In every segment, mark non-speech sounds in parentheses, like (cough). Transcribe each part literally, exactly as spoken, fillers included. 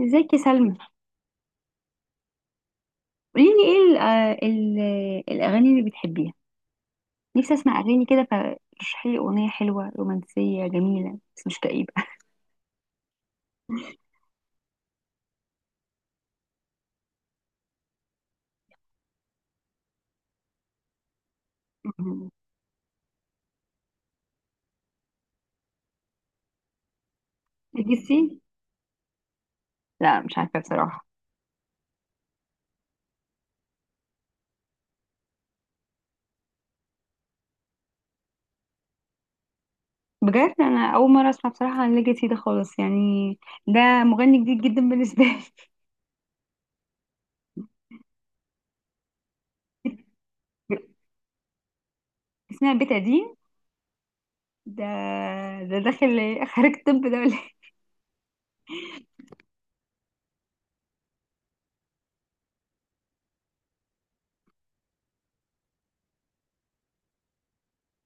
ازيك يا سلمى؟ قولي لي ايه ال آه، ال الاغاني اللي بتحبيها. نفسي اسمع اغاني كده، فرشحي لي اغنيه حلوه رومانسيه جميله بس مش كئيبه. (laughs) مهم. ليجاسي. لا، مش عارفه بصراحه. بجد انا اول مره اسمع بصراحه عن ليجاسي ده خالص يعني. ده مغني جديد جدا بالنسبه لي. (laughs) اسمها بيت قديم. ده ده داخل خارج، طب ده ولا إيه؟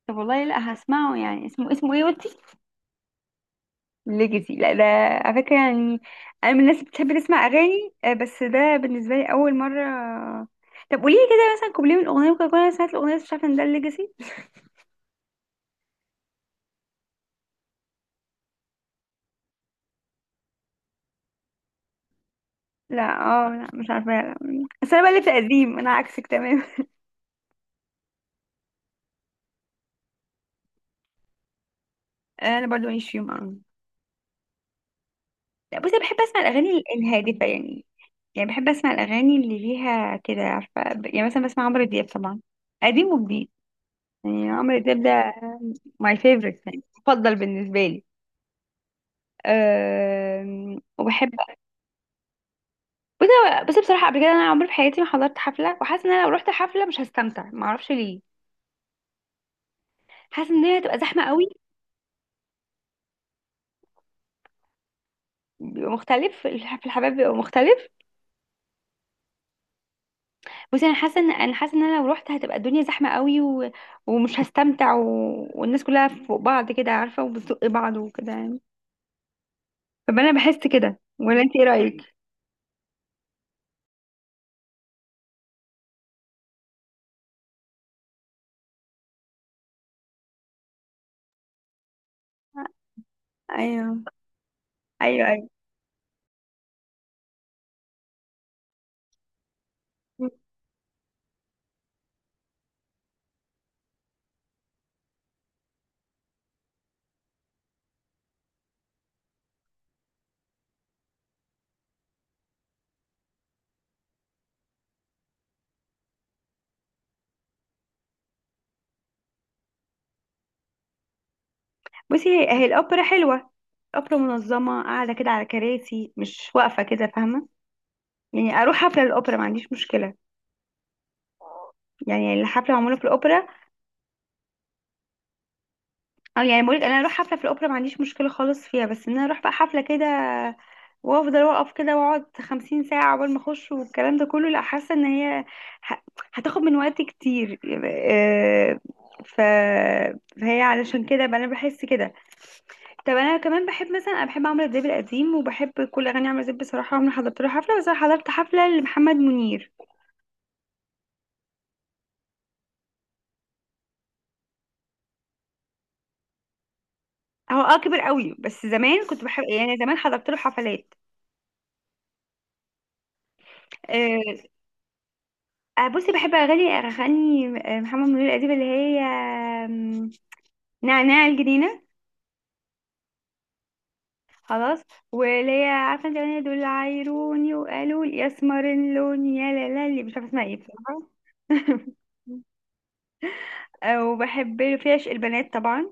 طب والله لا هسمعه، يعني اسمه اسمه ايه قلتي؟ ليجاسي، لا ده على فكرة يعني. أنا من الناس اللي بتحب تسمع أغاني، آه، بس ده بالنسبة لي أول مرة. طب قولي لي كده مثلا كوبليه من أغنية، ممكن أكون أنا سمعت الأغنية بس مش عارفة إن ده الليجاسي. لا، اه، لا، مش عارفة لا. بس أنا بقى في قديم، أنا عكسك تمام. (laughs) أنا برضو ماليش فيهم أوي. لا، بصي أنا بحب أسمع الأغاني ال- الهادفة يعني. يعني بحب أسمع الأغاني اللي ليها كده، عارفة ب- يعني مثلا بسمع عمرو دياب طبعا، قديم وجديد. يعني عمرو دياب ده my favorite، يعني مفضل بالنسبة لي. أه وبحب، بس بس بصراحه قبل كده انا عمري في حياتي ما حضرت حفله، وحاسه ان انا لو رحت حفله مش هستمتع، ما اعرفش ليه. حاسه ان هي هتبقى زحمه قوي. بيبقى مختلف الح- في الحفلات بيبقى مختلف. بس انا حاسه ان انا حاسه ان انا لو رحت هتبقى الدنيا زحمه قوي و... ومش هستمتع و... والناس كلها فوق بعض كده، عارفه، وبتزق بعض وكده يعني. فانا بحس كده، ولا انت ايه رايك؟ (laughs) ايوه، ايوه، ايوه. بصي، هي هي الاوبرا حلوه. الاوبرا منظمه، قاعده كده على كراسي، مش واقفه كده، فاهمه؟ يعني اروح حفله الاوبرا ما عنديش مشكله. يعني الحفلة معمولة في الأوبرا. أو يعني بقولك أنا أروح حفلة في الأوبرا ما عنديش مشكلة خالص فيها، بس إن أنا أروح بقى حفلة كده وأفضل وأقف كده وأقعد خمسين ساعة عقبال ما أخش والكلام ده كله، لأ، حاسة إن هي ه- هتاخد من وقتي كتير. آه، ف... فهي علشان كده بقى أنا بحس كده. طب أنا كمان بحب مثلا، أنا بحب عمرو دياب القديم وبحب كل أغاني عمرو دياب بصراحة، عمري ما حضرت له حفلة، بس أنا حضرت حفلة لمحمد منير. هو اه كبر قوي، بس زمان كنت بحب يعني، زمان حضرت له حفلات. آه، آه، بصي بحب اغاني اغاني آه، محمد منير القديمه اللي هي آم، نعناع الجنينه. خلاص. واللي هي عارفه انت الاغنيه، دول عايروني وقالوا لي اسمر اللون، يا لا لا، اللي مش عارفه اسمها ايه بصراحه. (laughs) آه، وبحب له في عشق البنات طبعا.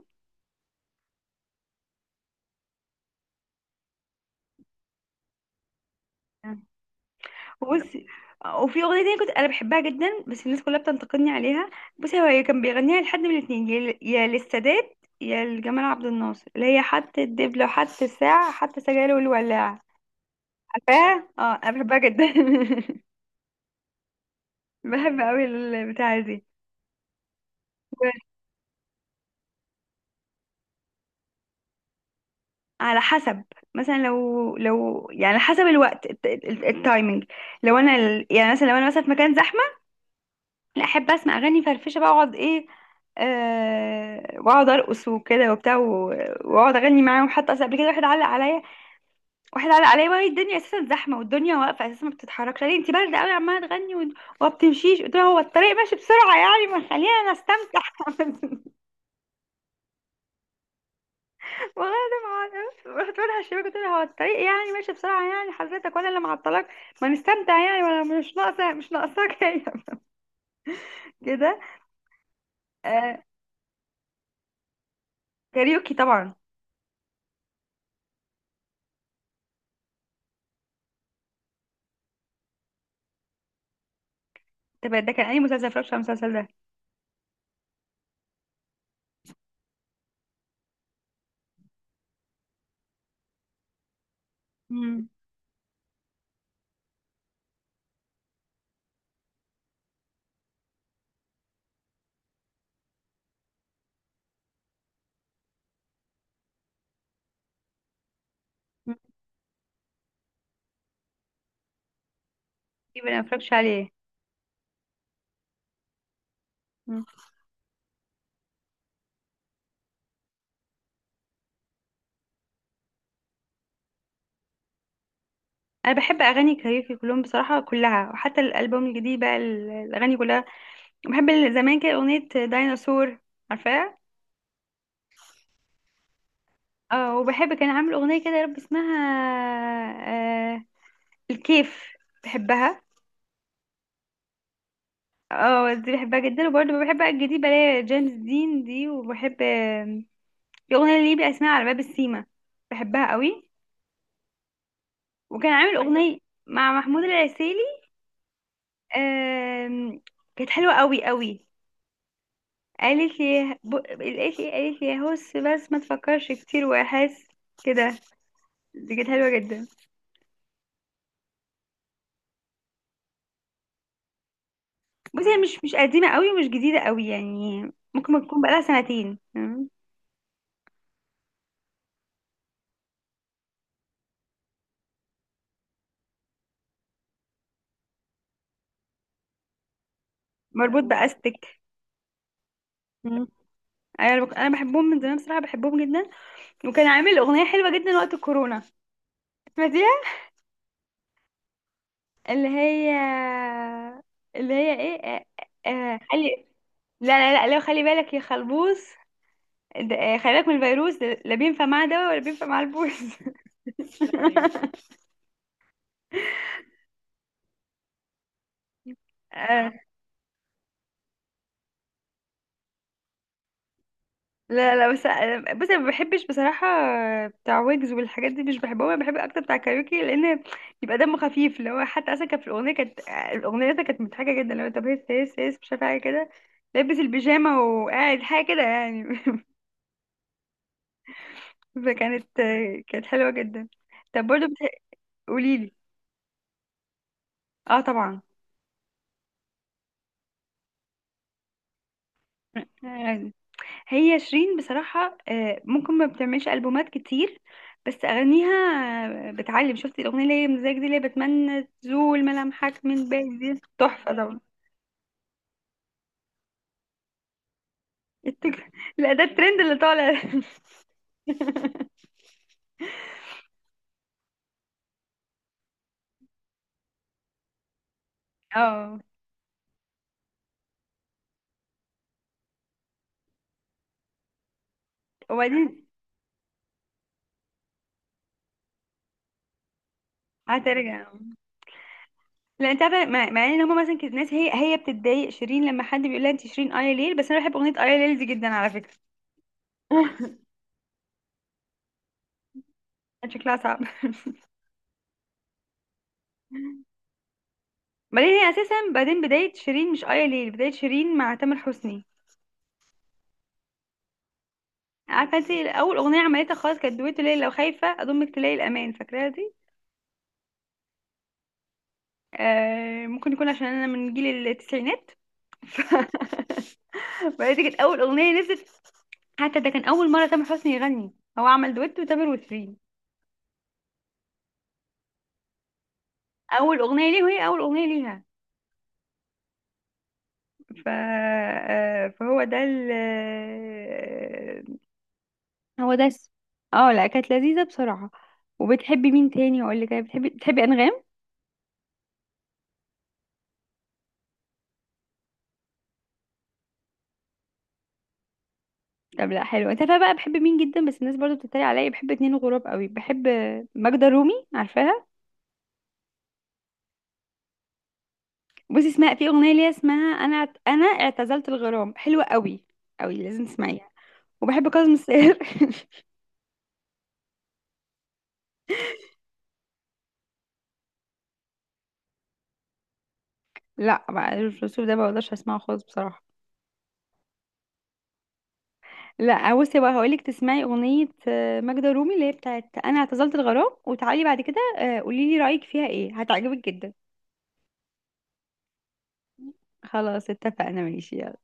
بصي، وفي اغنيه تانية كنت انا بحبها جدا بس الناس كلها بتنتقدني عليها. بصي، هو كان بيغنيها لحد من الاتنين، يا يا للسادات يا لجمال عبد الناصر، اللي هي حتى الدبلة وحتى الساعة حتى سجاير والولاعة. عارفاه، اه، انا بحبها جدا. (laughs) بحب قوي البتاعة دي. على حسب. مثلا لو لو يعني على حسب الوقت الت- ال- التايمينج. لو انا ال- يعني مثلا لو انا مثلا في مكان زحمه، لا، احب اسمع اغاني فرفشه بقى، اقعد ايه، آه واقعد ارقص وكده وبتاع و- واقعد اغني معاهم. حتى اصل قبل كده واحد علق عليا، واحد علق عليا وهي الدنيا اساسا زحمه والدنيا واقفه اساسا ما بتتحركش، قال لي انت بارده قوي عماله تغني وما بتمشيش، قلت له هو الطريق ماشي بسرعه يعني، ما خلينا نستمتع. (laughs) والله انا ما اعرف، رحت بقول للشباب، قلت لها هو الطريق يعني ماشي بسرعه يعني، حضرتك ولا اللي معطلك، ما نستمتع يعني، ولا مش ناقصه، مش ناقصاك هي. (laughs) كده. آه، كاريوكي طبعا. تبقى ده كان اي مسلسل؟ اتفرجش على المسلسل ده. امم تقريبا ما اتفرجش عليه. مم. انا بحب اغاني كاريوكي كلهم بصراحه، كلها، وحتى الالبوم الجديد بقى ال- الاغاني كلها. بحب ال- زمان كده اغنيه ديناصور، عارفاها؟ اه، وبحب كان عامل اغنيه كده يا رب اسمها، آه الكيف، بحبها. اه، دي بحبها جدا، وبرضه بحب الجديد، بلاقي جيمس دين دي، وبحب في اغنيه ليه بقى اسمها على باب السيما، بحبها قوي. وكان عامل اغنيه مع محمود العسيلي، آم، كانت حلوه قوي قوي. قالت لي ب... قالت لي قالت لي هس، بس ما تفكرش كتير، واحس كده. دي كانت حلوه جدا. بصي، هي مش مش قديمه قوي ومش جديده قوي يعني، ممكن تكون بقالها سنتين. مم. مربوط باستك. مم. انا بك- أنا بحبهم من زمان بصراحه، بحبهم جدا. وكان عامل أغنية حلوة جدا وقت الكورونا، سمعتيها؟ اللي هي اللي هي ايه؟ آه، آه، خلي، لا لا، لا لو خلي بالك يا خلبوص، ده- آه، خلي بالك من الفيروس ده، لا بينفع مع دواء ولا بينفع مع البوس. (laughs) آه، لا لا، بس آه، بس أنا ما بحبش بصراحة بتاع ويجز والحاجات دي، مش بحبهم، أنا بحب أكتر بتاع كاريوكي لأن يبقى دمه خفيف، اللي هو حتى أصلا كان في الأغنية كانت آه، الأغنية دي كانت مضحكة جدا، لو طب هيس هيس هيس، مش عارفة حاجة كده، لابس البيجامة وقاعد حاجة كده يعني. (laughs) فكانت كانت حلوة جدا. طب برضو بت... قوليلي. اه طبعا، يعني هي شيرين بصراحة، آه، ممكن ما بتعملش ألبومات كتير بس أغانيها، آه، بتعلم، شفتي الأغنية اللي هي مزاج دي، اللي هي بتمنى تزول ملامحك من بالي دي، تحفة طبعا. التك... لا، ده الترند اللي طالع. (laughs) اه، وبعدين هترجع؟ لا، انت عارفه، مع مع ان هما مثلا كانت ناس، هي هي بتتضايق شيرين لما حد بيقول لها انت شيرين ايا ليل، بس انا بحب اغنيه ايا ليل دي جدا على فكره. (laughs) كان شكلها صعب. بعدين هي اساسا، بعدين بدايه شيرين مش ايا ليل، بدايه شيرين مع تامر حسني. عارفه انت، اول اغنيه عملتها خالص كانت دويتو، ليل لو خايفه اضمك تلاقي الامان، فاكراها دي؟ آه، ممكن يكون عشان انا من جيل التسعينات. (laughs) بعدين دي كانت اول اغنيه نزلت، حتى ده كان اول مره تامر حسني يغني، هو عمل دويتو تامر وشيرين، اول اغنيه ليه وهي اول اغنيه ليها. ف... آه، فهو ده ال... آه، هو ده الس- اه لا، كانت لذيذه بصراحه. وبتحبي مين تاني؟ اقول لك، بتحبي بتحبي انغام؟ طب لا حلو، انت عارفه بقى بحب مين جدا، بس الناس برضو بتتريق عليا، بحب اتنين غراب قوي، بحب ماجدة رومي، عارفاها؟ بصي اسمها، في اغنيه ليها اسمها انا اعت- انا اعتزلت الغرام، حلوه قوي قوي، لازم تسمعيها. وبحب كاظم الساهر. (laughs) لا بقى، الرسول ده ما بقدرش اسمعه خالص بصراحه. لا بصي بقى، هقولك تسمعي اغنيه آه، ماجدة رومي اللي هي بتاعت انا اعتزلت الغرام، وتعالي بعد كده آه، قولي لي رايك فيها ايه، هتعجبك جدا. خلاص اتفقنا، ماشي، يلا.